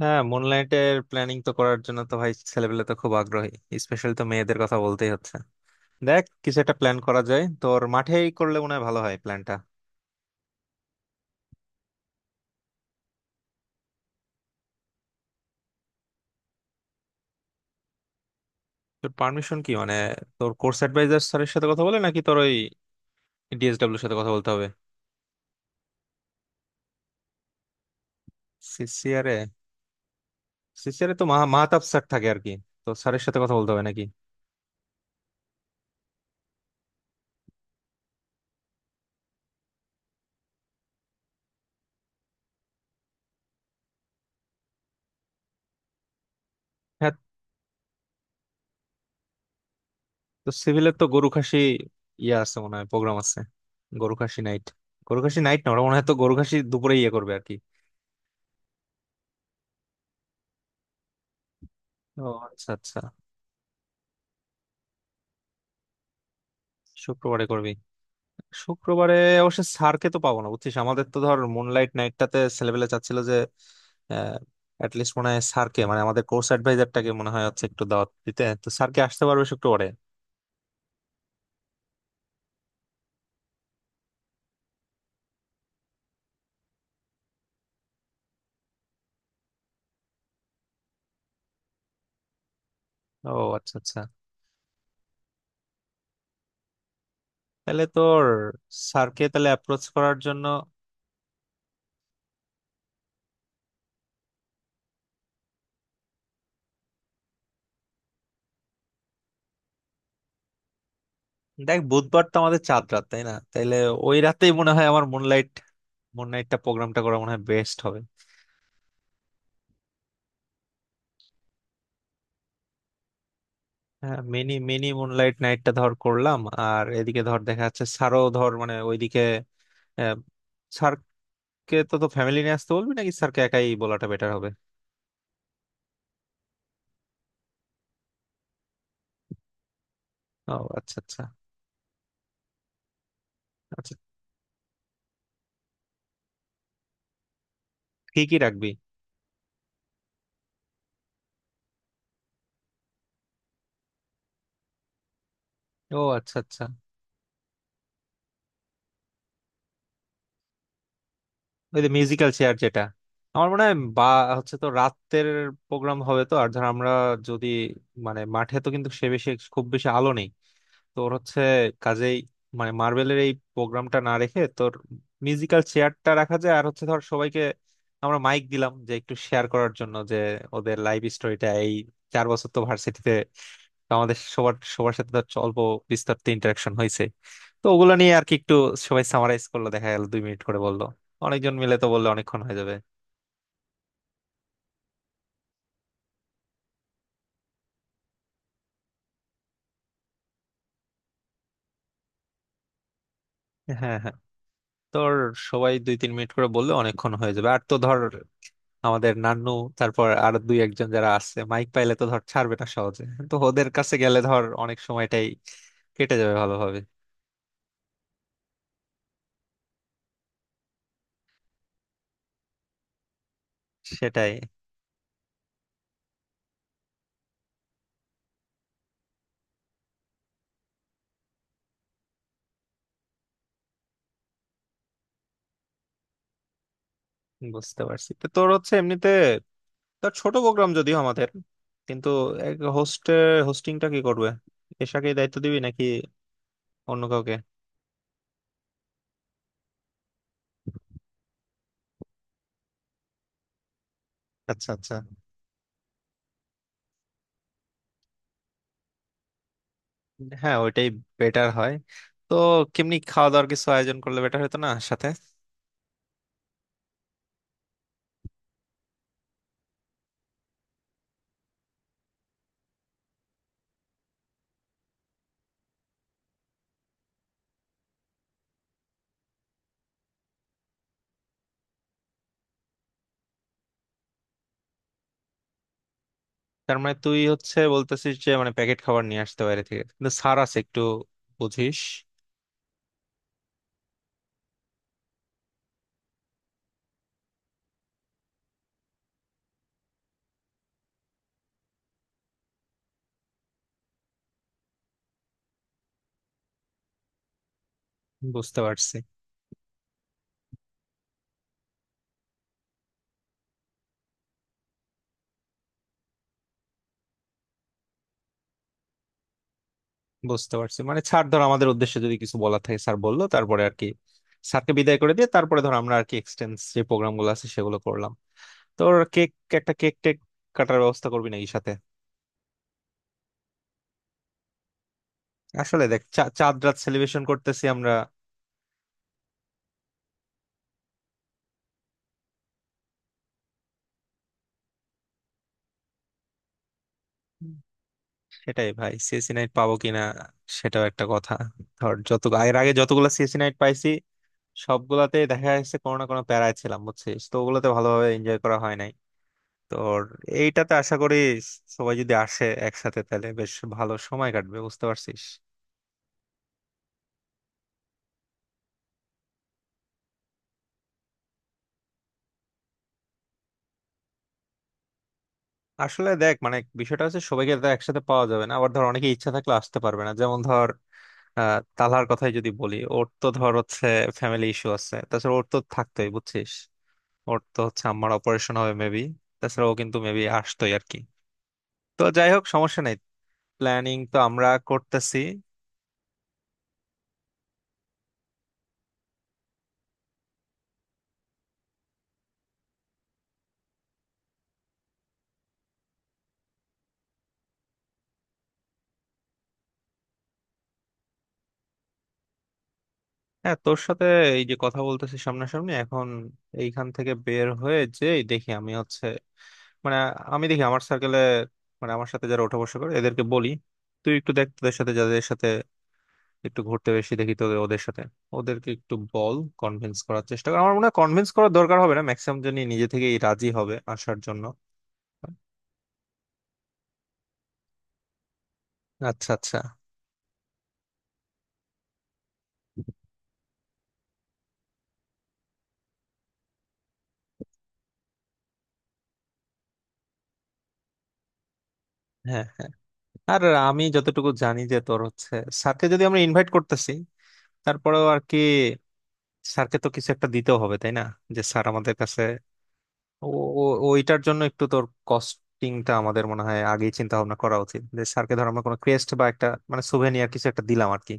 হ্যাঁ, মুনলাইটের প্ল্যানিং তো করার জন্য তো ভাই ছেলেপেলে তো খুব আগ্রহী। স্পেশালি তো মেয়েদের কথা বলতেই হচ্ছে। দেখ, কিছু একটা প্ল্যান করা যায়, তোর মাঠেই করলে মনে হয় ভালো হয় প্ল্যানটা। তোর পারমিশন কি মানে, তোর কোর্স অ্যাডভাইজার স্যারের সাথে কথা বলে নাকি তোর ওই ডিএসডব্লিউর সাথে কথা বলতে হবে? সিসিআরে। সিসিআরে তো মাহতাব স্যার থাকে আর কি। তো স্যারের সাথে কথা বলতে হবে নাকি? হ্যাঁ। তো সিভিলের তো গরু খাসি ইয়ে আছে, মনে হয় প্রোগ্রাম আছে। গরু খাসি নাইট। গরু খাসি নাইট না, ওরা মনে হয় তো গরু খাসি দুপুরে ইয়ে করবে আর কি। ও আচ্ছা আচ্ছা। শুক্রবারে করবি? শুক্রবারে অবশ্য স্যারকে তো পাবো না, বুঝছিস। আমাদের তো ধর মুনলাইট নাইটটাতে ছেলেবেলে চাচ্ছিল যে অ্যাটলিস্ট মনে হয় স্যারকে মানে আমাদের কোর্স অ্যাডভাইজারটাকে মনে হয় হচ্ছে একটু দাওয়াত দিতে, তো স্যারকে আসতে পারবে শুক্রবারে? ও আচ্ছা আচ্ছা। তাহলে তোর স্যারকে তাহলে অ্যাপ্রোচ করার জন্য। দেখ, বুধবার তো আমাদের চাঁদ রাত তাই না? তাইলে ওই রাতেই মনে হয় আমার মুনলাইটটা প্রোগ্রামটা করা মনে হয় বেস্ট হবে। হ্যাঁ, মিনি মিনি মুনলাইট নাইটটা ধর করলাম। আর এদিকে ধর দেখা যাচ্ছে স্যারও ধর মানে ওইদিকে আহ, কে তো তো ফ্যামিলি নিয়ে আসতে বলবি নাকি স্যারকে একাই বলাটা বেটার হবে? ও আচ্ছা আচ্ছা। আচ্ছা, কি কি রাখবি? ও আচ্ছা আচ্ছা। ওই যে মিউজিক্যাল চেয়ার যেটা। আমার মনে হয় বা হচ্ছে, তো রাতের প্রোগ্রাম হবে তো, আর ধর আমরা যদি মানে মাঠে তো কিন্তু সে বেশি, খুব বেশি আলো নেই তোর হচ্ছে, কাজেই মানে মার্বেলের এই প্রোগ্রামটা না রেখে তোর মিউজিক্যাল চেয়ারটা রাখা যায়। আর হচ্ছে ধর সবাইকে আমরা মাইক দিলাম যে একটু শেয়ার করার জন্য যে ওদের লাইফ স্টোরিটা। এই 4 বছর তো ভার্সিটিতে আমাদের সবার সবার সাথে ধর অল্প বিস্তারিত ইন্টারাকশন হয়েছে, তো ওগুলো নিয়ে আর কি একটু সবাই সামারাইজ করলো, দেখা গেল 2 মিনিট করে বললো, অনেকজন মিলে তো বললে অনেকক্ষণ হয়ে যাবে। হ্যাঁ হ্যাঁ। তোর সবাই 2-3 মিনিট করে বললে অনেকক্ষণ হয়ে যাবে, আর তো ধর আমাদের নান্নু, তারপর আর দুই একজন যারা আছে, মাইক পাইলে তো ধর ছাড়বে না সহজে। তো ওদের কাছে গেলে ধর অনেক সময়টাই কেটে যাবে ভালোভাবে। সেটাই। বুঝতে পারছি, তো তোর হচ্ছে এমনিতে তার ছোট প্রোগ্রাম যদিও আমাদের, কিন্তু হোস্টে হোস্টিংটা কি করবে? এশাকেই দায়িত্ব দিবি নাকি অন্য কাউকে? আচ্ছা আচ্ছা। হ্যাঁ, ওইটাই বেটার হয়। তো কেমনি খাওয়া দাওয়ার কিছু আয়োজন করলে বেটার হতো না সাথে? তার মানে তুই হচ্ছে বলতেছিস যে মানে প্যাকেট খাবার নিয়ে আসতে বাইরে থেকে, কিন্তু ছাড় আছে একটু, বুঝিস। বুঝতে পারছি। বুঝতে পারছি মানে, ছাড় ধর আমাদের উদ্দেশ্যে যদি কিছু বলার থাকে স্যার বললো, তারপরে আর কি স্যারকে বিদায় করে দিয়ে তারপরে ধর আমরা আর কি এক্সটেন্স যে প্রোগ্রাম গুলো আছে সেগুলো করলাম। তোর কেক, একটা কেক টেক কাটার ব্যবস্থা করবি নাকি সাথে? আসলে দেখ, চাঁদ রাত সেলিব্রেশন করতেছি আমরা। হুম। সেটাই ভাই, সিএসি নাইট পাবো কিনা সেটাও একটা কথা। ধর যত এর আগে যতগুলো সিএসি নাইট পাইছি, সবগুলাতেই দেখা যাচ্ছে কোনো না কোনো প্যারায় ছিলাম, বুঝছিস, তো ওগুলোতে ভালোভাবে এনজয় করা হয় নাই। তোর এইটাতে আশা করি সবাই যদি আসে একসাথে, তাহলে বেশ ভালো সময় কাটবে, বুঝতে পারছিস। আসলে দেখ মানে বিষয়টা হচ্ছে সবাইকে তো একসাথে পাওয়া যাবে না, আবার ধর অনেকে ইচ্ছা থাকলে আসতে পারবে না, যেমন ধর আহ তালহার কথাই যদি বলি, ওর তো ধর হচ্ছে ফ্যামিলি ইস্যু আছে, তাছাড়া ওর তো থাকতোই বুঝছিস। ওর তো হচ্ছে আম্মার অপারেশন হবে মেবি। তাছাড়া ও কিন্তু মেবি আসতোই আর কি। তো যাই হোক সমস্যা নেই, প্ল্যানিং তো আমরা করতেছি। হ্যাঁ তোর সাথে এই যে কথা বলতেছি সামনাসামনি এখন, এইখান থেকে বের হয়ে যে দেখি আমি হচ্ছে মানে, আমি দেখি আমার সার্কেলে মানে আমার সাথে যারা ওঠা বসা করে এদেরকে বলি। তুই একটু দেখ তোদের সাথে যাদের সাথে একটু ঘুরতে বেশি দেখি তোদের, ওদের সাথে ওদেরকে একটু বল, কনভিন্স করার চেষ্টা কর। আমার মনে হয় কনভিন্স করার দরকার হবে না, ম্যাক্সিমাম জনই নিজে থেকেই রাজি হবে আসার জন্য। আচ্ছা আচ্ছা। হ্যাঁ হ্যাঁ। আর আমি যতটুকু জানি যে তোর হচ্ছে স্যারকে যদি আমরা ইনভাইট করতেছি, তারপরেও আর কি স্যারকে তো কিছু একটা দিতেও হবে তাই না, যে স্যার আমাদের কাছে। ও, ওইটার জন্য একটু তোর কস্টিংটা আমাদের মনে হয় আগেই চিন্তা ভাবনা করা উচিত, যে স্যারকে ধর আমরা কোনো ক্রেস্ট বা একটা মানে সুভেনিয়ার কিছু একটা দিলাম আর কি।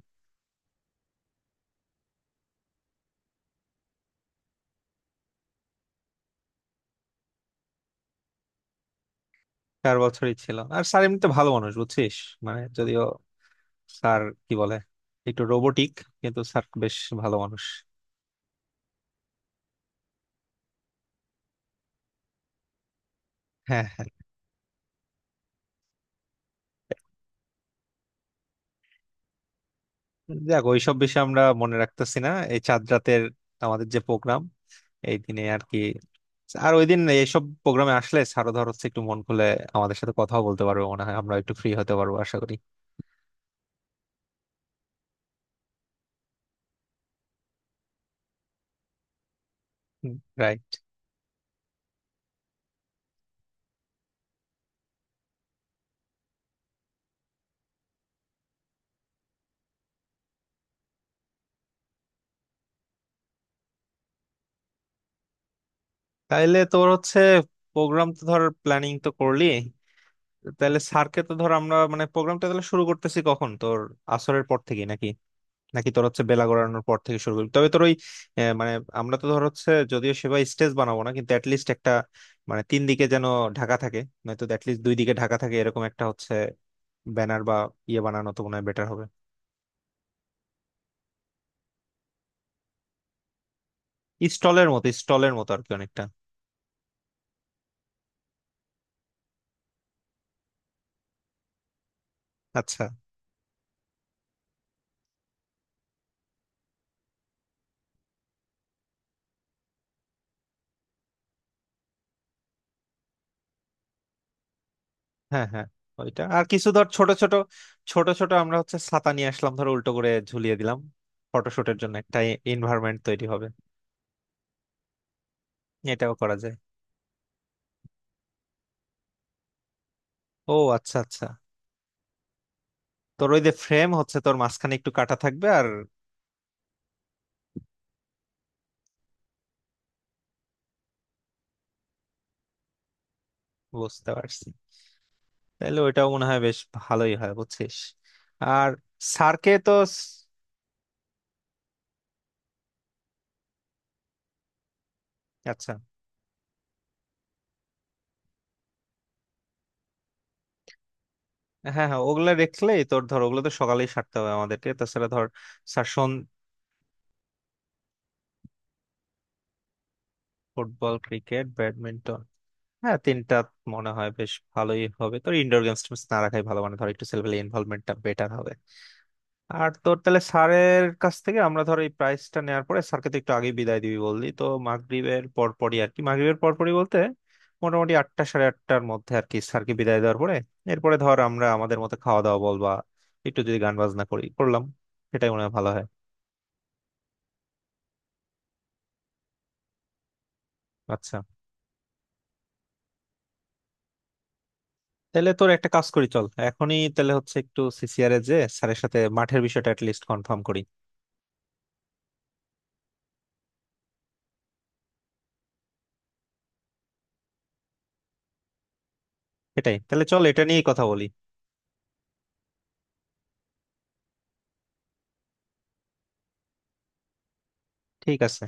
4 বছরই ছিল আর স্যার এমনিতে ভালো মানুষ বুঝছিস। মানে যদিও স্যার কি বলে একটু রোবোটিক, কিন্তু স্যার বেশ ভালো মানুষ। হ্যাঁ হ্যাঁ। যাক, ওইসব বিষয় আমরা মনে রাখতেছি না এই চাঁদ রাতের আমাদের যে প্রোগ্রাম এই দিনে আর কি। আর ওই দিন এইসব প্রোগ্রামে আসলে স্যারও ধর হচ্ছে একটু মন খুলে আমাদের সাথে কথাও বলতে পারবে, মনে হয় আমরা একটু ফ্রি হতে পারবো আশা করি। রাইট। তাইলে তোর হচ্ছে প্রোগ্রাম তো ধর প্ল্যানিং তো করলি, তাহলে স্যারকে তো ধর আমরা মানে প্রোগ্রামটা তাহলে শুরু করতেছি কখন তোর, আসরের পর থেকে নাকি, নাকি তোর হচ্ছে বেলা গড়ানোর পর থেকে শুরু করবি? তবে তোর ওই মানে আমরা তো ধর হচ্ছে যদিও সেভাবে স্টেজ বানাবো না, কিন্তু অ্যাটলিস্ট একটা মানে তিন দিকে যেন ঢাকা থাকে, নয়তো অ্যাটলিস্ট দুই দিকে ঢাকা থাকে, এরকম একটা হচ্ছে ব্যানার বা ইয়ে বানানো তো মনে হয় বেটার হবে। স্টলের মতো, স্টলের মতো আর কি অনেকটা। আচ্ছা। হ্যাঁ হ্যাঁ ওইটা, আর কিছু ধর ছোট ছোট। ছোট ছোট আমরা হচ্ছে ছাতা নিয়ে আসলাম, ধর উল্টো করে ঝুলিয়ে দিলাম, ফটোশুটের জন্য একটা এনভায়রনমেন্ট তৈরি হবে। এটাও করা যায়। ও আচ্ছা আচ্ছা। তোর ওই যে ফ্রেম হচ্ছে তোর মাঝখানে একটু কাটা থাকবে আর। বুঝতে পারছি, তাহলে ওইটাও মনে হয় বেশ ভালোই হয়, বুঝছিস। আর স্যারকে তো আচ্ছা। হ্যাঁ হ্যাঁ, ওগুলো রেখলেই তোর ধর ওগুলো তো সকালেই সারতে হবে আমাদেরকে, তাছাড়া ধর স্যার। ফুটবল ক্রিকেট ব্যাডমিন্টন, হ্যাঁ তিনটা মনে হয় বেশ ভালোই হবে। তোর ইনডোর গেমস টেমস না রাখাই ভালো, মানে ধর একটু ছেলেপেলে ইনভলভমেন্টটা বেটার হবে। আর তোর তাহলে স্যারের কাছ থেকে আমরা ধর এই প্রাইসটা নেওয়ার পরে স্যারকে তো একটু আগেই বিদায় দিবি বললি তো, মাগরিবের পরপরই আর কি। মাগরিবের পরপরই বলতে মোটামুটি আটটা সাড়ে আটটার মধ্যে আর কি স্যারকে বিদায় দেওয়ার পরে, এরপরে ধর আমরা আমাদের মতো খাওয়া দাওয়া বল বা একটু যদি গান বাজনা করি করলাম, সেটাই মনে হয় ভালো হয়। আচ্ছা। তাহলে তোর একটা কাজ করি, চল এখনই তাহলে হচ্ছে একটু সিসিআর এ যে স্যারের সাথে মাঠের বিষয়টা লিস্ট কনফার্ম করি। এটাই, তাহলে চল এটা নিয়েই কথা বলি। ঠিক আছে।